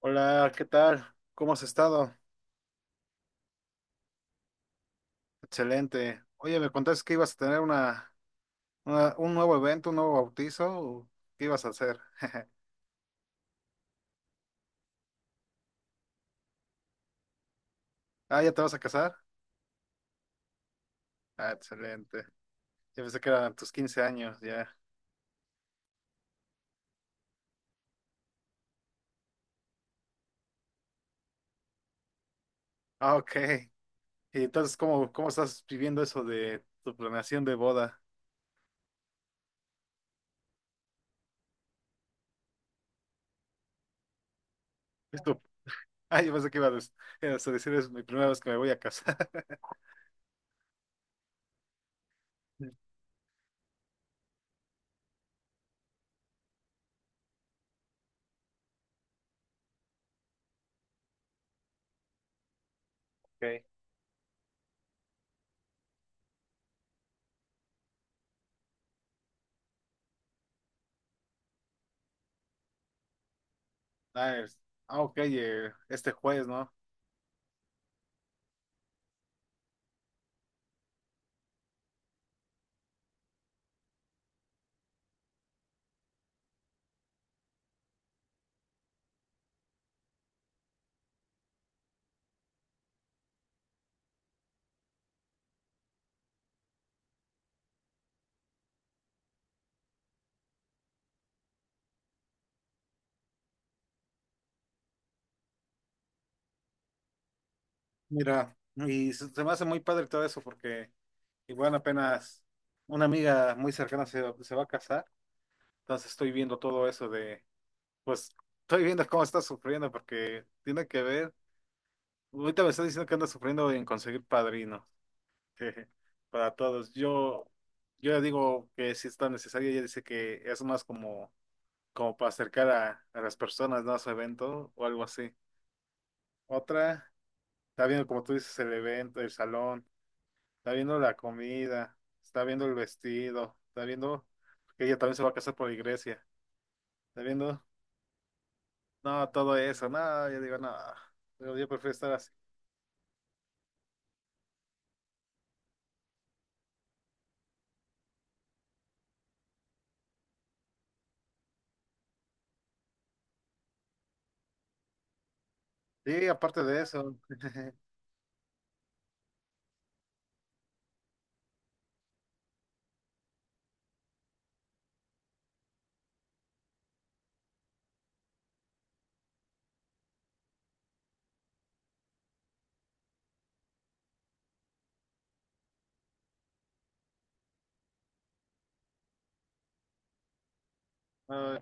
Hola, ¿qué tal? ¿Cómo has estado? Excelente. Oye, me contaste que ibas a tener un nuevo evento, un nuevo bautizo. ¿O ¿Qué ibas a hacer? Ah, ¿ya te vas a casar? Ah, excelente. Ya pensé que eran tus 15 años, ya. Ah, ok. Y entonces, ¿cómo estás viviendo eso de tu planeación de boda? Es tu- Ah, yo pensé que ibas a decir, es mi primera vez que me voy a casar. Ok. Ah, es- ah, ok, este jueves, ¿no? Mira, y se me hace muy padre todo eso porque igual apenas una amiga muy cercana se va a casar, entonces estoy viendo todo eso de, pues estoy viendo cómo está sufriendo porque tiene que ver, ahorita me está diciendo que anda sufriendo en conseguir padrino para todos. Yo le digo que si es tan necesario, ella dice que es más como, como para acercar a las personas, ¿no? A su evento o algo así. Otra, está viendo como tú dices el evento, el salón. Está viendo la comida, está viendo el vestido, está viendo que ella también se va a casar por la iglesia, está viendo, no, todo eso, no, yo digo, no, yo prefiero estar así. Sí, aparte de eso, no,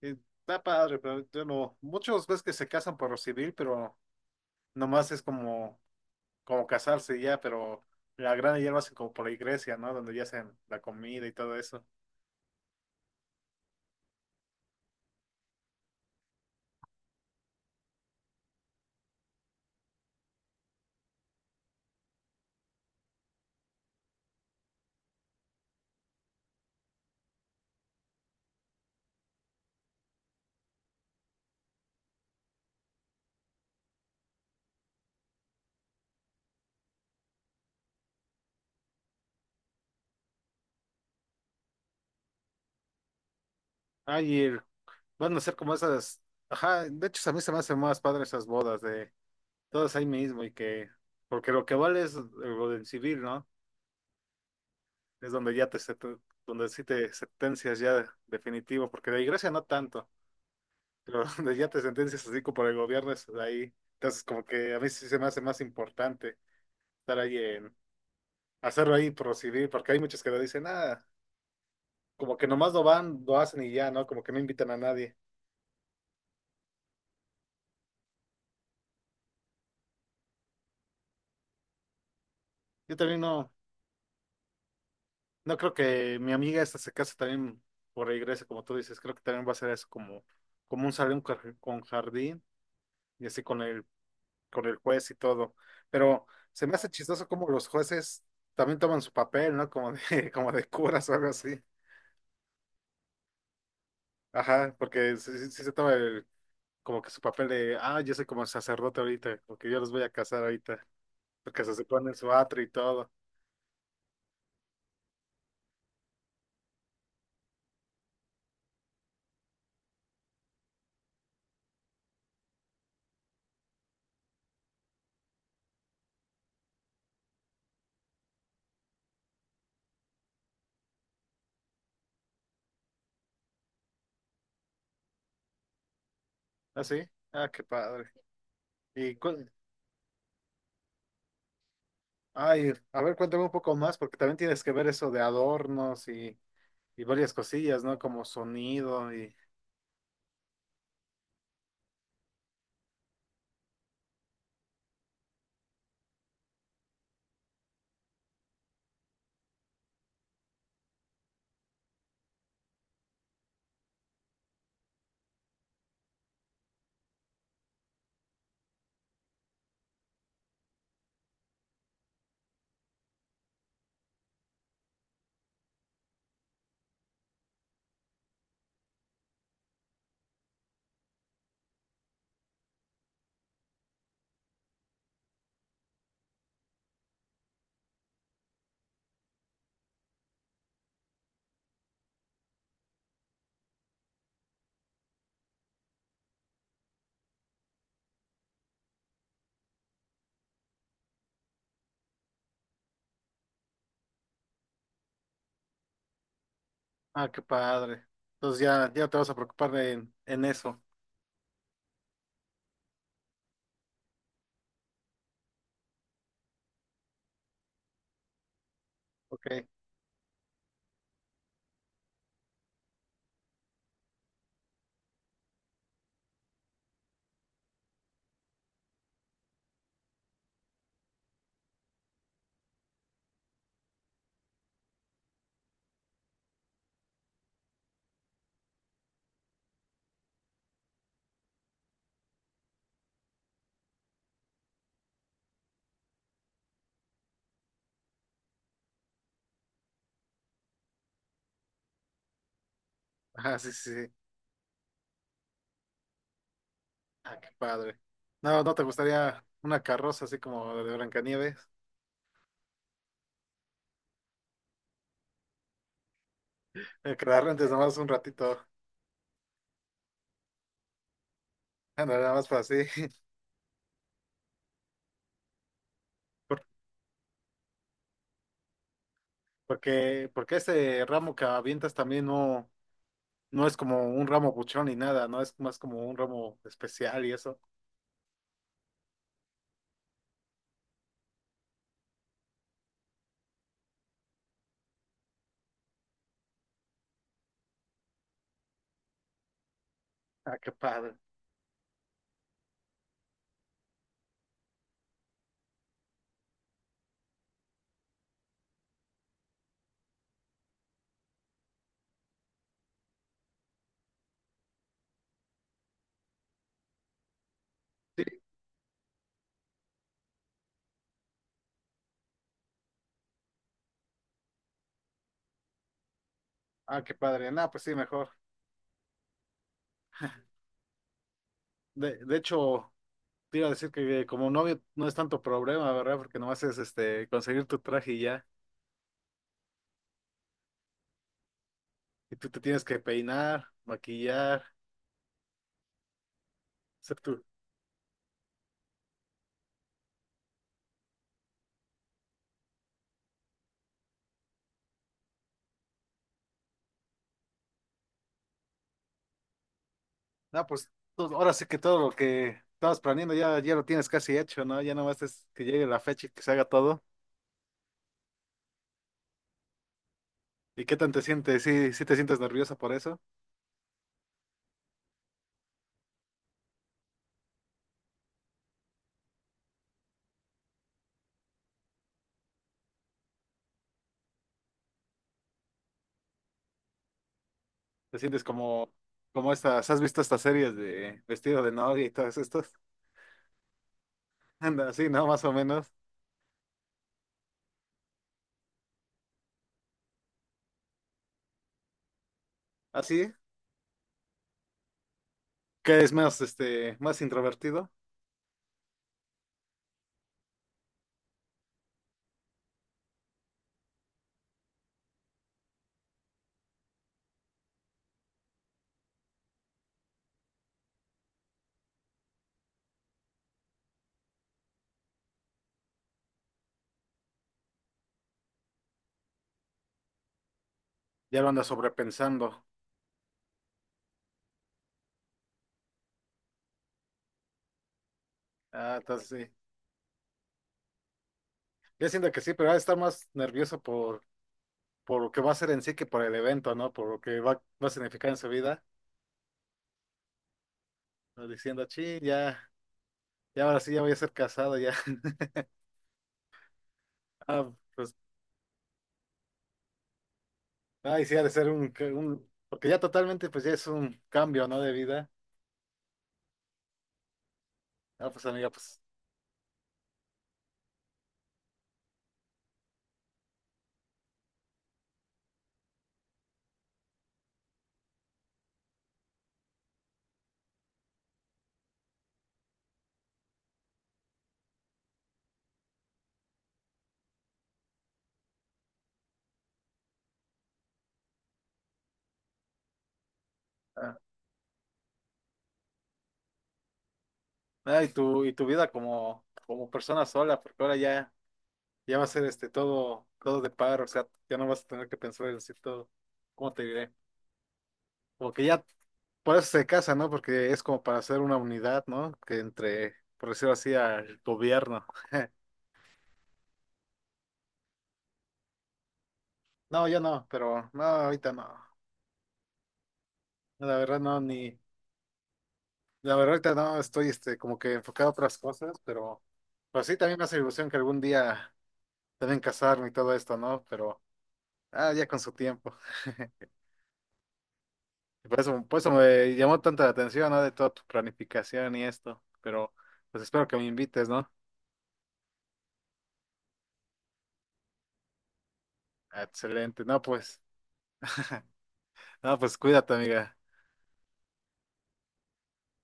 y está padre, pero yo no, muchos ves que se casan por lo civil, pero nomás es como, como casarse y ya, pero la gran ya lo hacen como por la iglesia, ¿no? Donde ya hacen la comida y todo eso. Ay, y el- van a ser como esas, ajá, de hecho a mí se me hacen más padre esas bodas de todos ahí mismo y que, porque lo que vale es lo del civil, ¿no? Es donde ya te, sent- donde sí te sentencias ya definitivo, porque de iglesia no tanto, pero donde ya te sentencias así como por el gobierno es ahí. Entonces como que a mí sí se me hace más importante estar ahí en, hacerlo ahí por lo civil, porque hay muchos que lo dicen, nada, como que nomás lo van, lo hacen y ya, ¿no? Como que no invitan a nadie. Yo también no, no creo que mi amiga esta se case también por la iglesia, como tú dices, creo que también va a ser eso como, como un salón con jardín y así con el juez y todo. Pero se me hace chistoso como los jueces también toman su papel, ¿no? Como de, como de curas o algo así. Ajá, porque sí, sí se toma el, como que su papel de, ah, yo soy como sacerdote ahorita, porque yo los voy a casar ahorita, porque se supone en su atrio y todo. ¿Ah, sí? Ah, qué padre. Y, cu- ay, a ver, cuéntame un poco más, porque también tienes que ver eso de adornos y varias cosillas, ¿no? Como sonido y, ah, qué padre. Entonces ya, ya te vas a preocupar en eso. Ok. Ah, sí, sí. Sí. Ah, qué padre. No, ¿no te gustaría una carroza así como la de Blancanieves? Que la rentes nomás un ratito. Ándale, nada más para así. Por- Porque, porque ese ramo que avientas también no, no es como un ramo buchón ni nada, ¿no? Es más como un ramo especial y eso. Ah, qué padre. Sí, ah, qué padre. Nada, pues sí, mejor. De hecho, te iba a decir que como novio no es tanto problema, ¿verdad? Porque nomás es conseguir tu traje y ya. Y tú te tienes que peinar, maquillar, hacer tu, no, pues todo- ahora sí que todo lo que estabas planeando ya, ya lo tienes casi hecho, ¿no? Ya nomás es que llegue la fecha y que se haga todo. ¿Y qué tan te sientes? ¿Sí, sí te sientes nerviosa por eso? ¿Te sientes como, como estas, has visto estas series de vestido de novia y todas estas? Anda, así, ¿no? Más o menos. Así, qué es más, más introvertido. Ya lo andas sobrepensando. Ah, entonces sí. Yo siento que sí, pero va a estar más nervioso por lo que va a ser en sí que por el evento, ¿no? Por lo que va a significar en su vida. Diciendo, chi, ya. Y ahora sí ya voy a ser casado ya. Ah, pues, ay, sí ha de ser porque ya totalmente pues ya es un cambio, ¿no? De vida. Ah, pues amiga, pues, ah, ah, y tu vida como, como persona sola, porque ahora ya, ya va a ser este todo, todo de par, o sea, ya no vas a tener que pensar en decir todo, ¿cómo te diré? Como que ya, por eso se casa, ¿no? Porque es como para hacer una unidad, ¿no? Que entre, por decirlo así, al gobierno. No, yo no, pero no, ahorita no. La verdad no, ni. La verdad, ahorita no estoy como que enfocado a otras cosas, pero sí también me hace ilusión que algún día también casarme y todo esto, ¿no? Pero ah, ya con su tiempo. Y por eso, por eso me llamó tanta la atención, ¿no? De toda tu planificación y esto. Pero pues espero que me invites, ¿no? Ah, excelente. No, pues, no, pues cuídate, amiga.